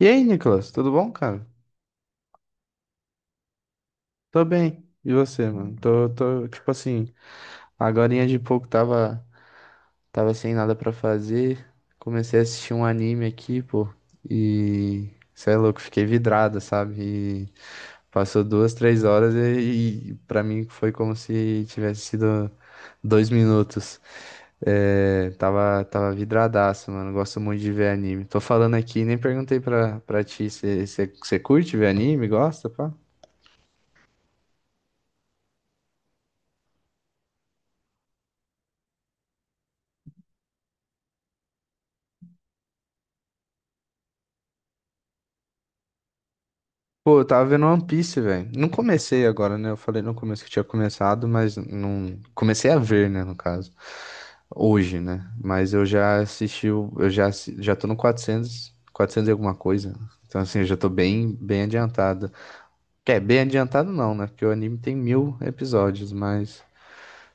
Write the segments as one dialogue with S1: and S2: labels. S1: E aí, Nicolas, tudo bom, cara? Tô bem. E você, mano? Tô, tipo assim, agorinha de pouco tava sem nada pra fazer. Comecei a assistir um anime aqui, pô. E, cê é louco, fiquei vidrado, sabe? E passou duas, três horas e pra mim foi como se tivesse sido 2 minutos. É, tava vidradaço, mano. Gosto muito de ver anime. Tô falando aqui, nem perguntei pra ti, você curte ver anime? Gosta, pá? Pô, eu tava vendo One Piece, velho. Não comecei agora, né? Eu falei no começo que tinha começado, mas não. Comecei a ver, né, no caso. Hoje, né? Mas eu já assisti, já tô no 400, 400 e alguma coisa. Então, assim, eu já tô bem, bem adiantado. Quer, bem adiantado não, né? Porque o anime tem 1.000 episódios, mas,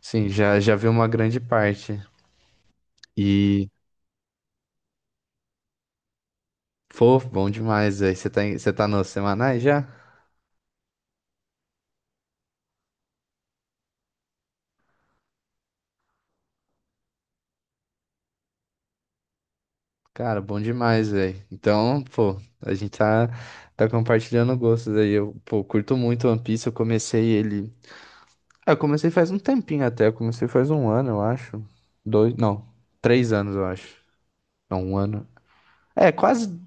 S1: sim, já vi uma grande parte. E, pô, bom demais, velho. Você tá, você tá nos semanais já? Cara, bom demais, velho. Então, pô, a gente tá compartilhando gostos aí. Eu, pô, curto muito One Piece. Eu comecei ele. Ah, eu comecei faz um tempinho até. Eu comecei faz um ano, eu acho. Dois, não, 3 anos, eu acho. Não, um ano. É, quase.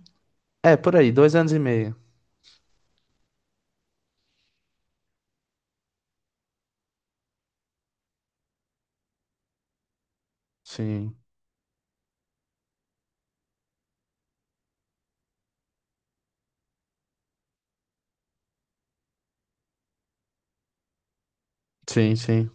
S1: É, por aí, 2 anos e meio. Sim, sim, sim.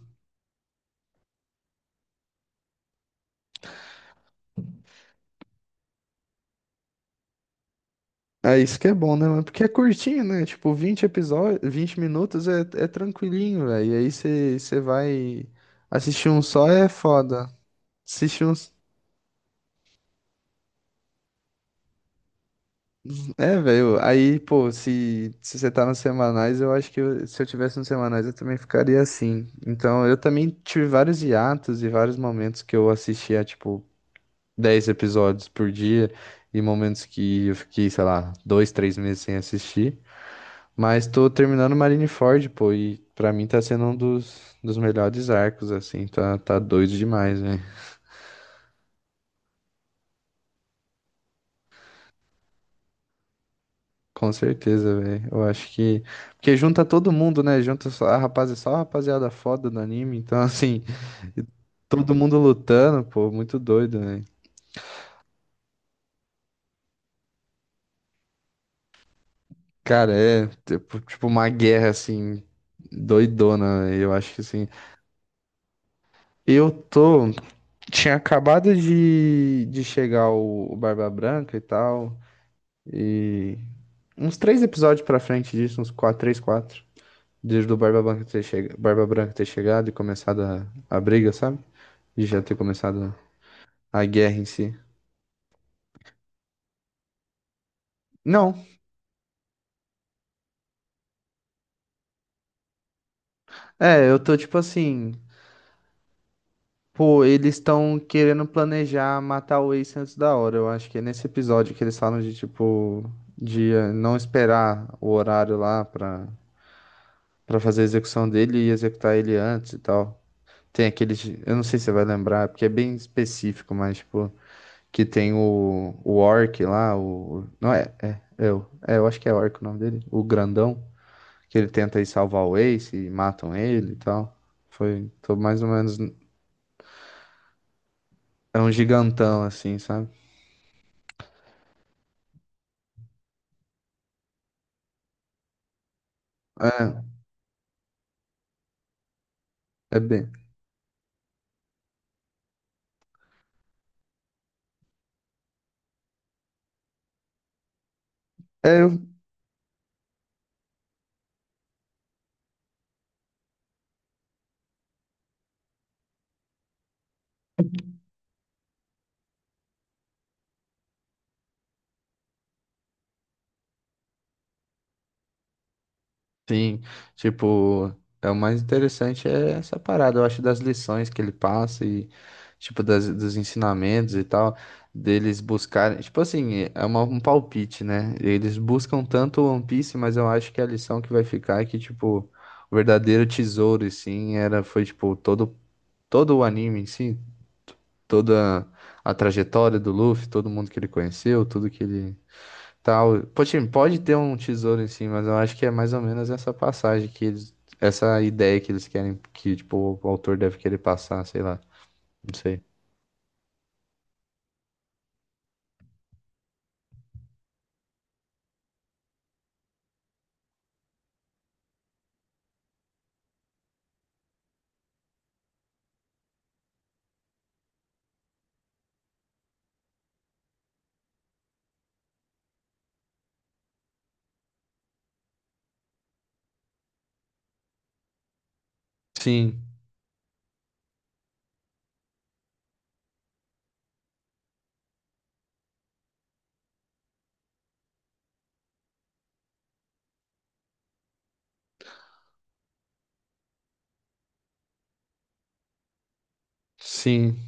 S1: É isso que é bom, né, mano? Porque é curtinho, né? Tipo, 20 episódios, 20 minutos é tranquilinho, velho. E aí você vai assistir um só é foda. Assistir um. É, velho, aí, pô, se você tá nos semanais, eu acho que se eu tivesse nos semanais eu também ficaria assim. Então, eu também tive vários hiatos e vários momentos que eu assistia, tipo, 10 episódios por dia e momentos que eu fiquei, sei lá, dois, três meses sem assistir. Mas tô terminando Marineford, pô, e pra mim tá sendo um dos melhores arcos, assim, tá doido demais. Com certeza, velho. Eu acho que. Porque junta todo mundo, né? Junta só a rapaziada foda do anime. Então, assim, todo mundo lutando, pô, muito doido, né? Cara, é tipo uma guerra, assim, doidona, véi. Eu acho que, assim. Eu tô. Tinha acabado de chegar o Barba Branca e tal. E. Uns 3 episódios pra frente disso, uns quatro, três, quatro. Desde o Barba Branca ter, Barba Branca ter chegado e começado a briga, sabe? De já ter começado a guerra em si. Não, é, eu tô tipo assim. Pô, eles estão querendo planejar matar o Ace antes da hora. Eu acho que é nesse episódio que eles falam de tipo. De não esperar o horário lá pra fazer a execução dele e executar ele antes e tal. Tem aqueles. Eu não sei se você vai lembrar, porque é bem específico, mas tipo. Que tem o Orc lá, o. Não é, é, eu acho que é Orc o nome dele, o grandão. Que ele tenta ir salvar o Ace e matam ele e tal. Foi, tô mais ou menos, é um gigantão assim, sabe? É, é bem, é, eu- sim, tipo, o mais interessante é essa parada, eu acho, das lições que ele passa e, tipo, das, dos ensinamentos e tal, deles buscarem, tipo assim, é um palpite, né? Eles buscam tanto o One Piece, mas eu acho que a lição que vai ficar é que, tipo, o verdadeiro tesouro, e sim, era, foi, tipo, todo o anime em si. Toda a trajetória do Luffy, todo mundo que ele conheceu, tudo que ele tal. Pode ter um tesouro em si, mas eu acho que é mais ou menos essa passagem que eles, essa ideia que eles querem que tipo o autor deve querer passar, sei lá, não sei. Sim, sim.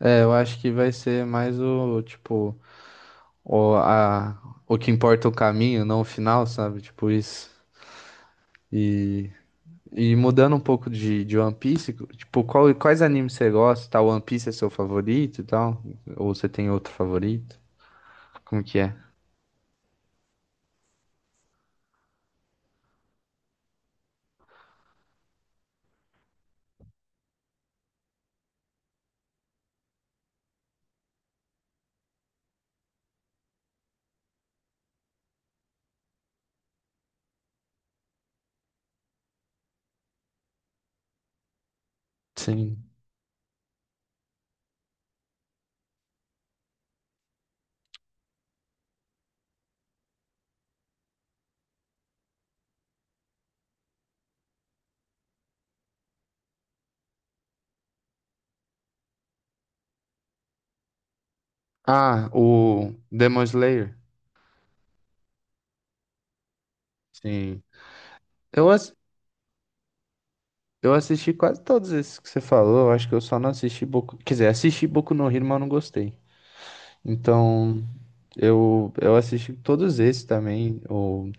S1: É, eu acho que vai ser mais o tipo o a o que importa é o caminho, não o final, sabe? Tipo isso. E mudando um pouco de One Piece, tipo, quais animes você gosta? Tá, One Piece é seu favorito e tal? Ou você tem outro favorito? Como que é? Sim. Ah, o Demon Slayer. Sim. Eu, ass- eu assisti quase todos esses que você falou. Eu acho que eu só não assisti Boku. Quer dizer, assisti Boku no Hero, mas eu não gostei. Então, eu assisti todos esses também. O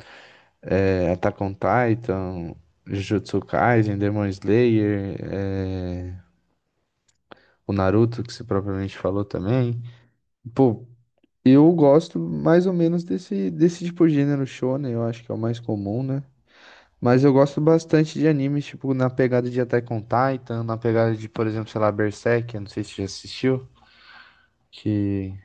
S1: Attack on Titan, Jujutsu Kaisen, Demon Slayer. É, o Naruto, que você propriamente falou também. Pô, eu gosto mais ou menos desse tipo de gênero shonen, eu acho que é o mais comum, né? Mas eu gosto bastante de animes, tipo, na pegada de Attack on Titan, na pegada de, por exemplo, sei lá, Berserk, eu não sei se você já assistiu, que...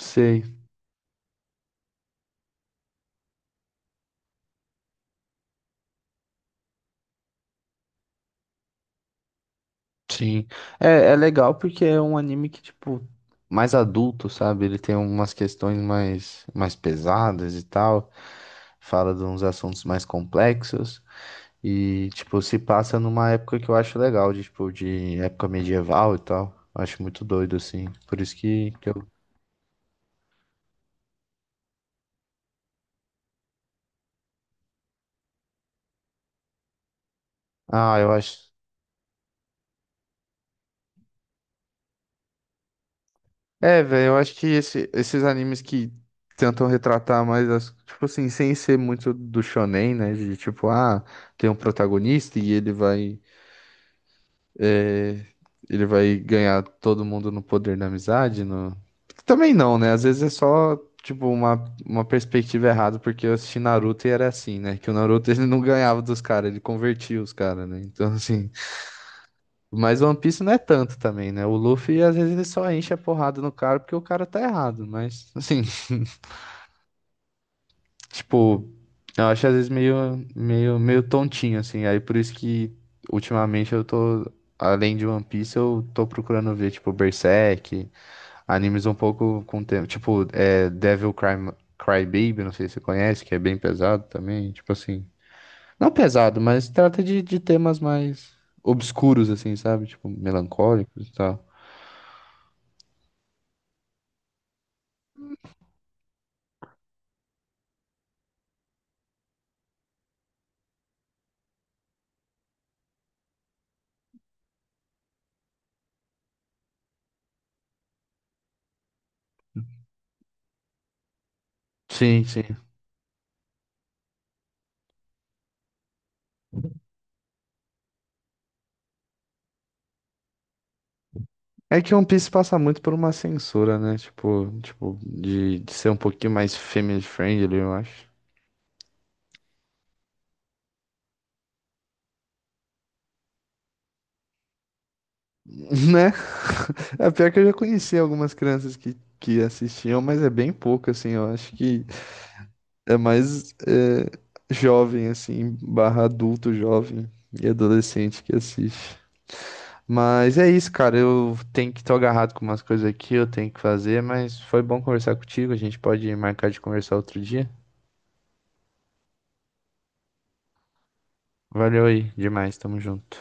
S1: Sei, sim. É legal porque é um anime que, tipo, mais adulto, sabe? Ele tem umas questões mais pesadas e tal. Fala de uns assuntos mais complexos. E, tipo, se passa numa época que eu acho legal, de, tipo, de época medieval e tal. Eu acho muito doido, assim. Por isso que eu. Ah, eu acho. É, velho, eu acho que esses animes que tentam retratar mais as. Tipo assim, sem ser muito do shonen, né? De tipo, ah, tem um protagonista e É, ele vai ganhar todo mundo no poder da amizade, no... Também não, né? Às vezes é só, tipo, uma perspectiva errada, porque eu assisti Naruto e era assim, né? Que o Naruto ele não ganhava dos caras, ele convertia os caras, né? Então, assim... Mas One Piece não é tanto também, né? O Luffy, às vezes, ele só enche a porrada no cara porque o cara tá errado, mas, assim... Tipo, eu acho às vezes meio tontinho, assim. Aí por isso que ultimamente eu tô, além de One Piece, eu tô procurando ver, tipo, Berserk, animes um pouco com tema. Tipo, é, Devil Cry, Cry Baby, não sei se você conhece, que é bem pesado também. Tipo assim. Não pesado, mas trata de temas mais obscuros, assim, sabe? Tipo, melancólicos e tal. Sim, sim. É que One Piece passa muito por uma censura, né? Tipo de ser um pouquinho mais family friendly, eu acho. Né? É pior que eu já conheci algumas crianças que assistiam, mas é bem pouco, assim. Eu acho que é mais é, jovem, assim, barra adulto jovem e adolescente que assiste. Mas é isso, cara. Eu tenho que estar agarrado com umas coisas aqui, eu tenho que fazer, mas foi bom conversar contigo. A gente pode marcar de conversar outro dia. Valeu aí, demais, tamo junto.